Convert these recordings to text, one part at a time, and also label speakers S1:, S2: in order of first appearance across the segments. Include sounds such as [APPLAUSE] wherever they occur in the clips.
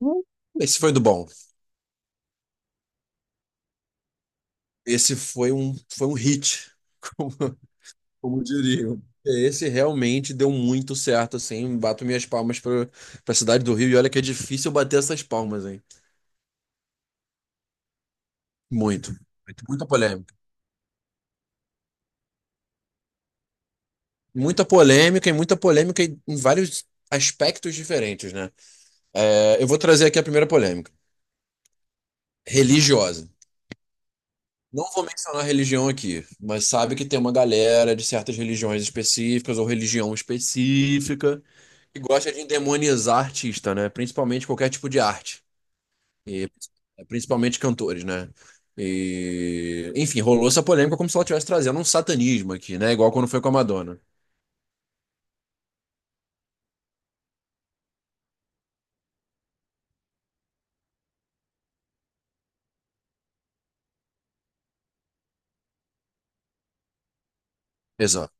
S1: Hum, Esse foi do bom. Esse foi foi um hit, [LAUGHS] como, como diriam. Esse realmente deu muito certo, assim. Bato minhas palmas para a cidade do Rio e olha que é difícil bater essas palmas, hein? Muito. Muita polêmica. Muita polêmica e muita polêmica em vários aspectos diferentes, né? Eu vou trazer aqui a primeira polêmica, religiosa. Não vou mencionar religião aqui, mas sabe que tem uma galera de certas religiões específicas ou religião específica que gosta de endemonizar artista, né? Principalmente qualquer tipo de arte. E principalmente cantores, né? E, enfim, rolou essa polêmica como se ela estivesse trazendo um satanismo aqui, né? Igual quando foi com a Madonna. Exato.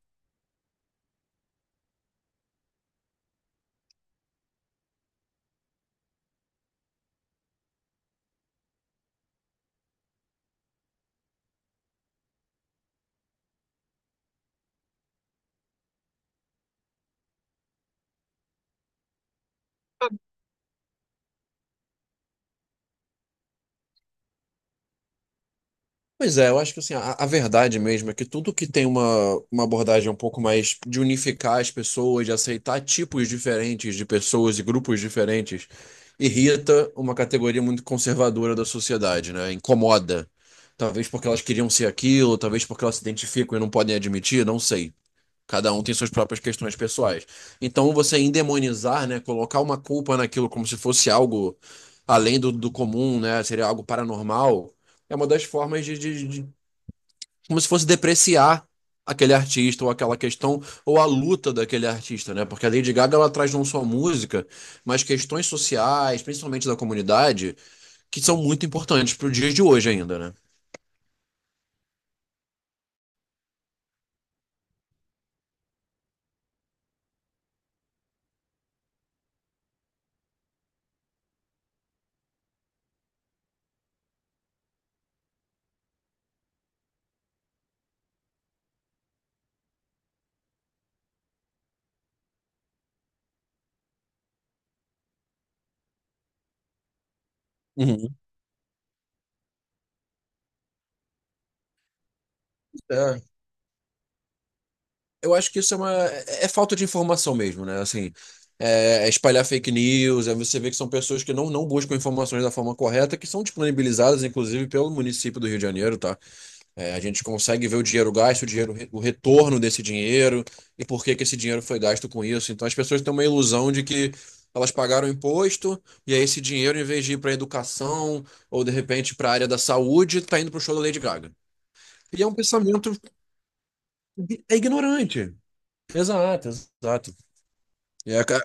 S1: Pois é, eu acho que assim, a verdade mesmo é que tudo que tem uma abordagem um pouco mais de unificar as pessoas, de aceitar tipos diferentes de pessoas e grupos diferentes, irrita uma categoria muito conservadora da sociedade, né? Incomoda. Talvez porque elas queriam ser aquilo, talvez porque elas se identificam e não podem admitir, não sei. Cada um tem suas próprias questões pessoais. Então, você endemonizar, né, colocar uma culpa naquilo como se fosse algo além do comum, né, seria algo paranormal, é uma das formas como se fosse depreciar aquele artista ou aquela questão ou a luta daquele artista, né? Porque a Lady Gaga ela traz não só música, mas questões sociais, principalmente da comunidade, que são muito importantes para o dia de hoje ainda, né? Uhum. É. Eu acho que isso é uma. É falta de informação mesmo, né? Assim, é espalhar fake news, aí você vê que são pessoas que não buscam informações da forma correta, que são disponibilizadas, inclusive, pelo município do Rio de Janeiro, tá? É, a gente consegue ver o dinheiro gasto, o dinheiro, o retorno desse dinheiro e por que que esse dinheiro foi gasto com isso. Então as pessoas têm uma ilusão de que elas pagaram imposto e aí esse dinheiro, em vez de ir para educação ou de repente para a área da saúde, tá indo para o show da Lady Gaga. E é um pensamento é ignorante. Exato, exato. É, ca-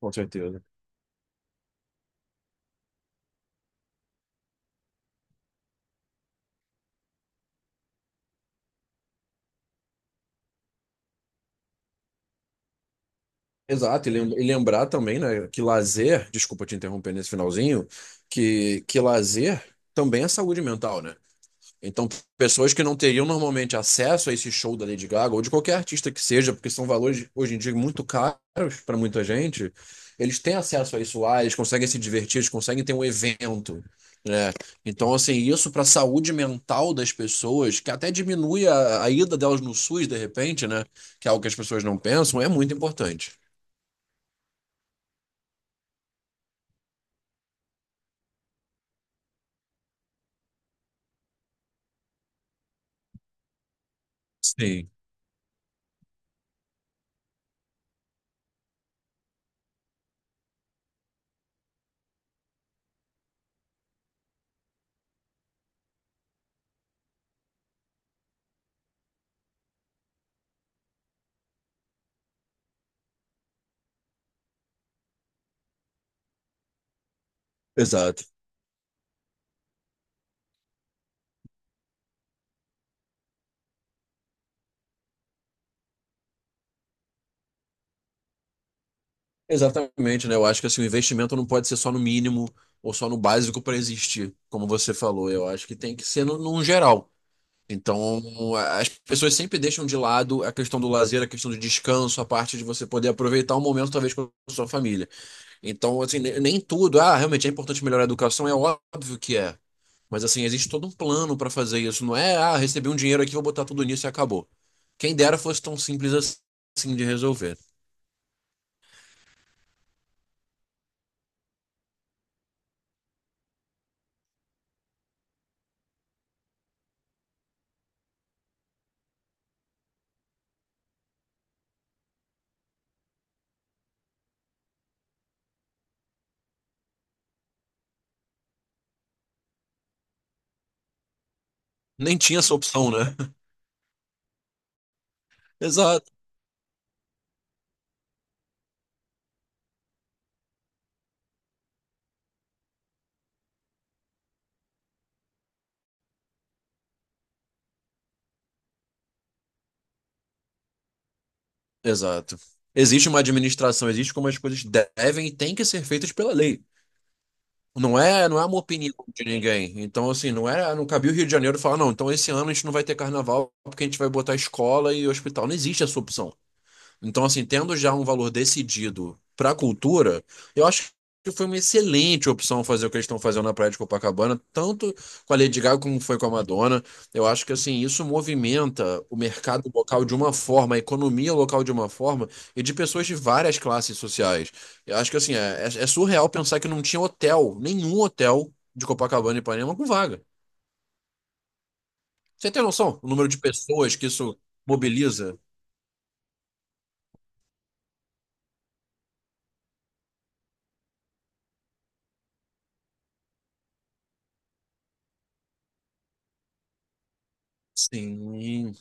S1: com certeza. Exato, e lembrar também, né, que lazer, desculpa te interromper nesse finalzinho, que lazer também é saúde mental, né? Então, pessoas que não teriam normalmente acesso a esse show da Lady Gaga ou de qualquer artista que seja, porque são valores hoje em dia muito caros para muita gente, eles têm acesso a isso lá, eles conseguem se divertir, eles conseguem ter um evento, né? Então, assim, isso para a saúde mental das pessoas, que até diminui a ida delas no SUS de repente, né? Que é algo que as pessoas não pensam, é muito importante. Sim, exato. Exatamente, né? Eu acho que assim, o investimento não pode ser só no mínimo ou só no básico para existir, como você falou. Eu acho que tem que ser no, num geral. Então, as pessoas sempre deixam de lado a questão do lazer, a questão do descanso, a parte de você poder aproveitar um momento, talvez, com a sua família. Então, assim, nem tudo. Ah, realmente é importante melhorar a educação, é óbvio que é. Mas, assim, existe todo um plano para fazer isso. Não é, ah, recebi um dinheiro aqui, vou botar tudo nisso e acabou. Quem dera fosse tão simples assim de resolver. Nem tinha essa opção, né? [LAUGHS] exato. Exato. Existe uma administração, existe como as coisas devem e têm que ser feitas pela lei. Não é uma opinião de ninguém. Então, assim, não é, não cabia o Rio de Janeiro falar, não, então esse ano a gente não vai ter carnaval porque a gente vai botar escola e hospital. Não existe essa opção. Então, assim, tendo já um valor decidido para a cultura, eu acho que foi uma excelente opção fazer o que eles estão fazendo na Praia de Copacabana, tanto com a Lady Gaga como foi com a Madonna. Eu acho que, assim, isso movimenta o mercado local de uma forma, a economia local de uma forma, e de pessoas de várias classes sociais. Eu acho que, assim, é surreal pensar que não tinha hotel, nenhum hotel de Copacabana e Ipanema com vaga. Você tem noção? O número de pessoas que isso mobiliza? Sim.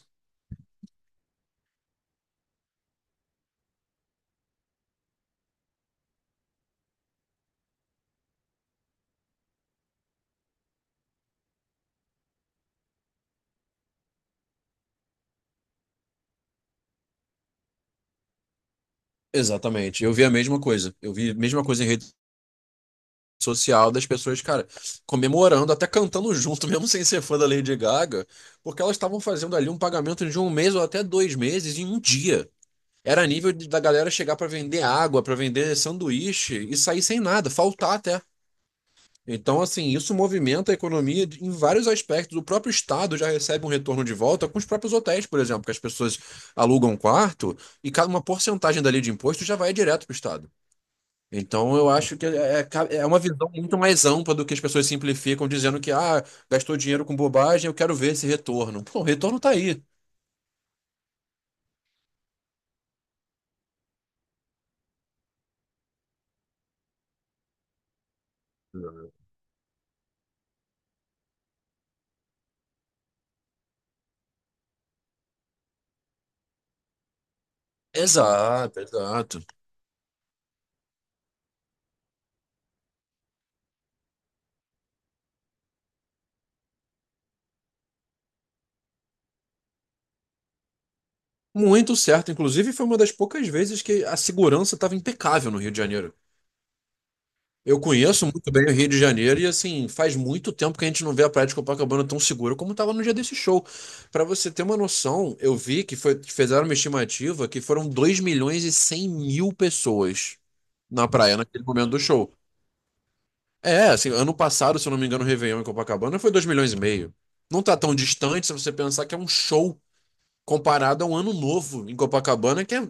S1: Exatamente. Eu vi a mesma coisa. Eu vi a mesma coisa em rede social das pessoas, cara, comemorando, até cantando junto, [LAUGHS] mesmo sem ser fã da Lady Gaga, porque elas estavam fazendo ali um pagamento de um mês ou até dois meses em um dia. Era nível da galera chegar para vender água, para vender sanduíche e sair sem nada, faltar até. Então, assim, isso movimenta a economia em vários aspectos. O próprio Estado já recebe um retorno de volta com os próprios hotéis, por exemplo, que as pessoas alugam um quarto e cada uma porcentagem dali de imposto já vai direto para o Estado. Então eu acho que é uma visão muito mais ampla do que as pessoas simplificam dizendo que ah, gastou dinheiro com bobagem, eu quero ver esse retorno. Pô, o retorno tá aí. Exato, exato. Muito certo. Inclusive, foi uma das poucas vezes que a segurança estava impecável no Rio de Janeiro. Eu conheço muito bem o Rio de Janeiro e, assim, faz muito tempo que a gente não vê a Praia de Copacabana tão segura como estava no dia desse show. Para você ter uma noção, eu vi que foi, fizeram uma estimativa que foram 2.100.000 pessoas na praia naquele momento do show. É, assim, ano passado, se eu não me engano, o Réveillon em Copacabana foi 2,5 milhões. Não tá tão distante se você pensar que é um show comparado a um ano novo em Copacabana, que é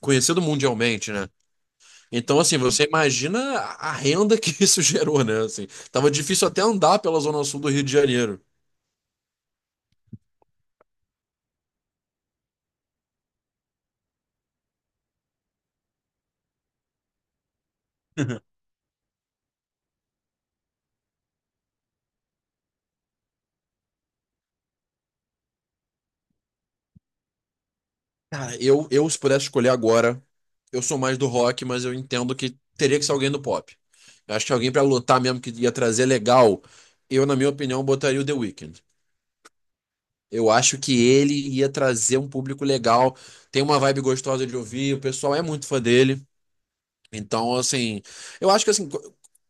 S1: conhecido mundialmente, né? Então, assim, você imagina a renda que [LAUGHS] isso gerou, né? Assim, tava difícil até andar pela zona sul do Rio de Janeiro. Cara, eu se pudesse escolher agora, eu sou mais do rock, mas eu entendo que teria que ser alguém do pop. Eu acho que alguém pra lutar mesmo que ia trazer legal, eu, na minha opinião, botaria o The Weeknd. Eu acho que ele ia trazer um público legal, tem uma vibe gostosa de ouvir, o pessoal é muito fã dele. Então, assim, eu acho que assim,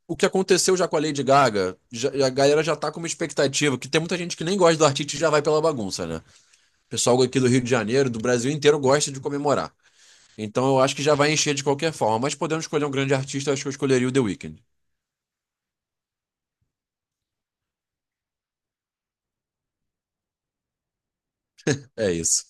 S1: o que aconteceu já com a Lady Gaga, a galera já tá com uma expectativa, que tem muita gente que nem gosta do artista e já vai pela bagunça, né? O pessoal aqui do Rio de Janeiro, do Brasil inteiro, gosta de comemorar. Então eu acho que já vai encher de qualquer forma, mas podendo escolher um grande artista, eu acho que eu escolheria o The Weeknd. É isso.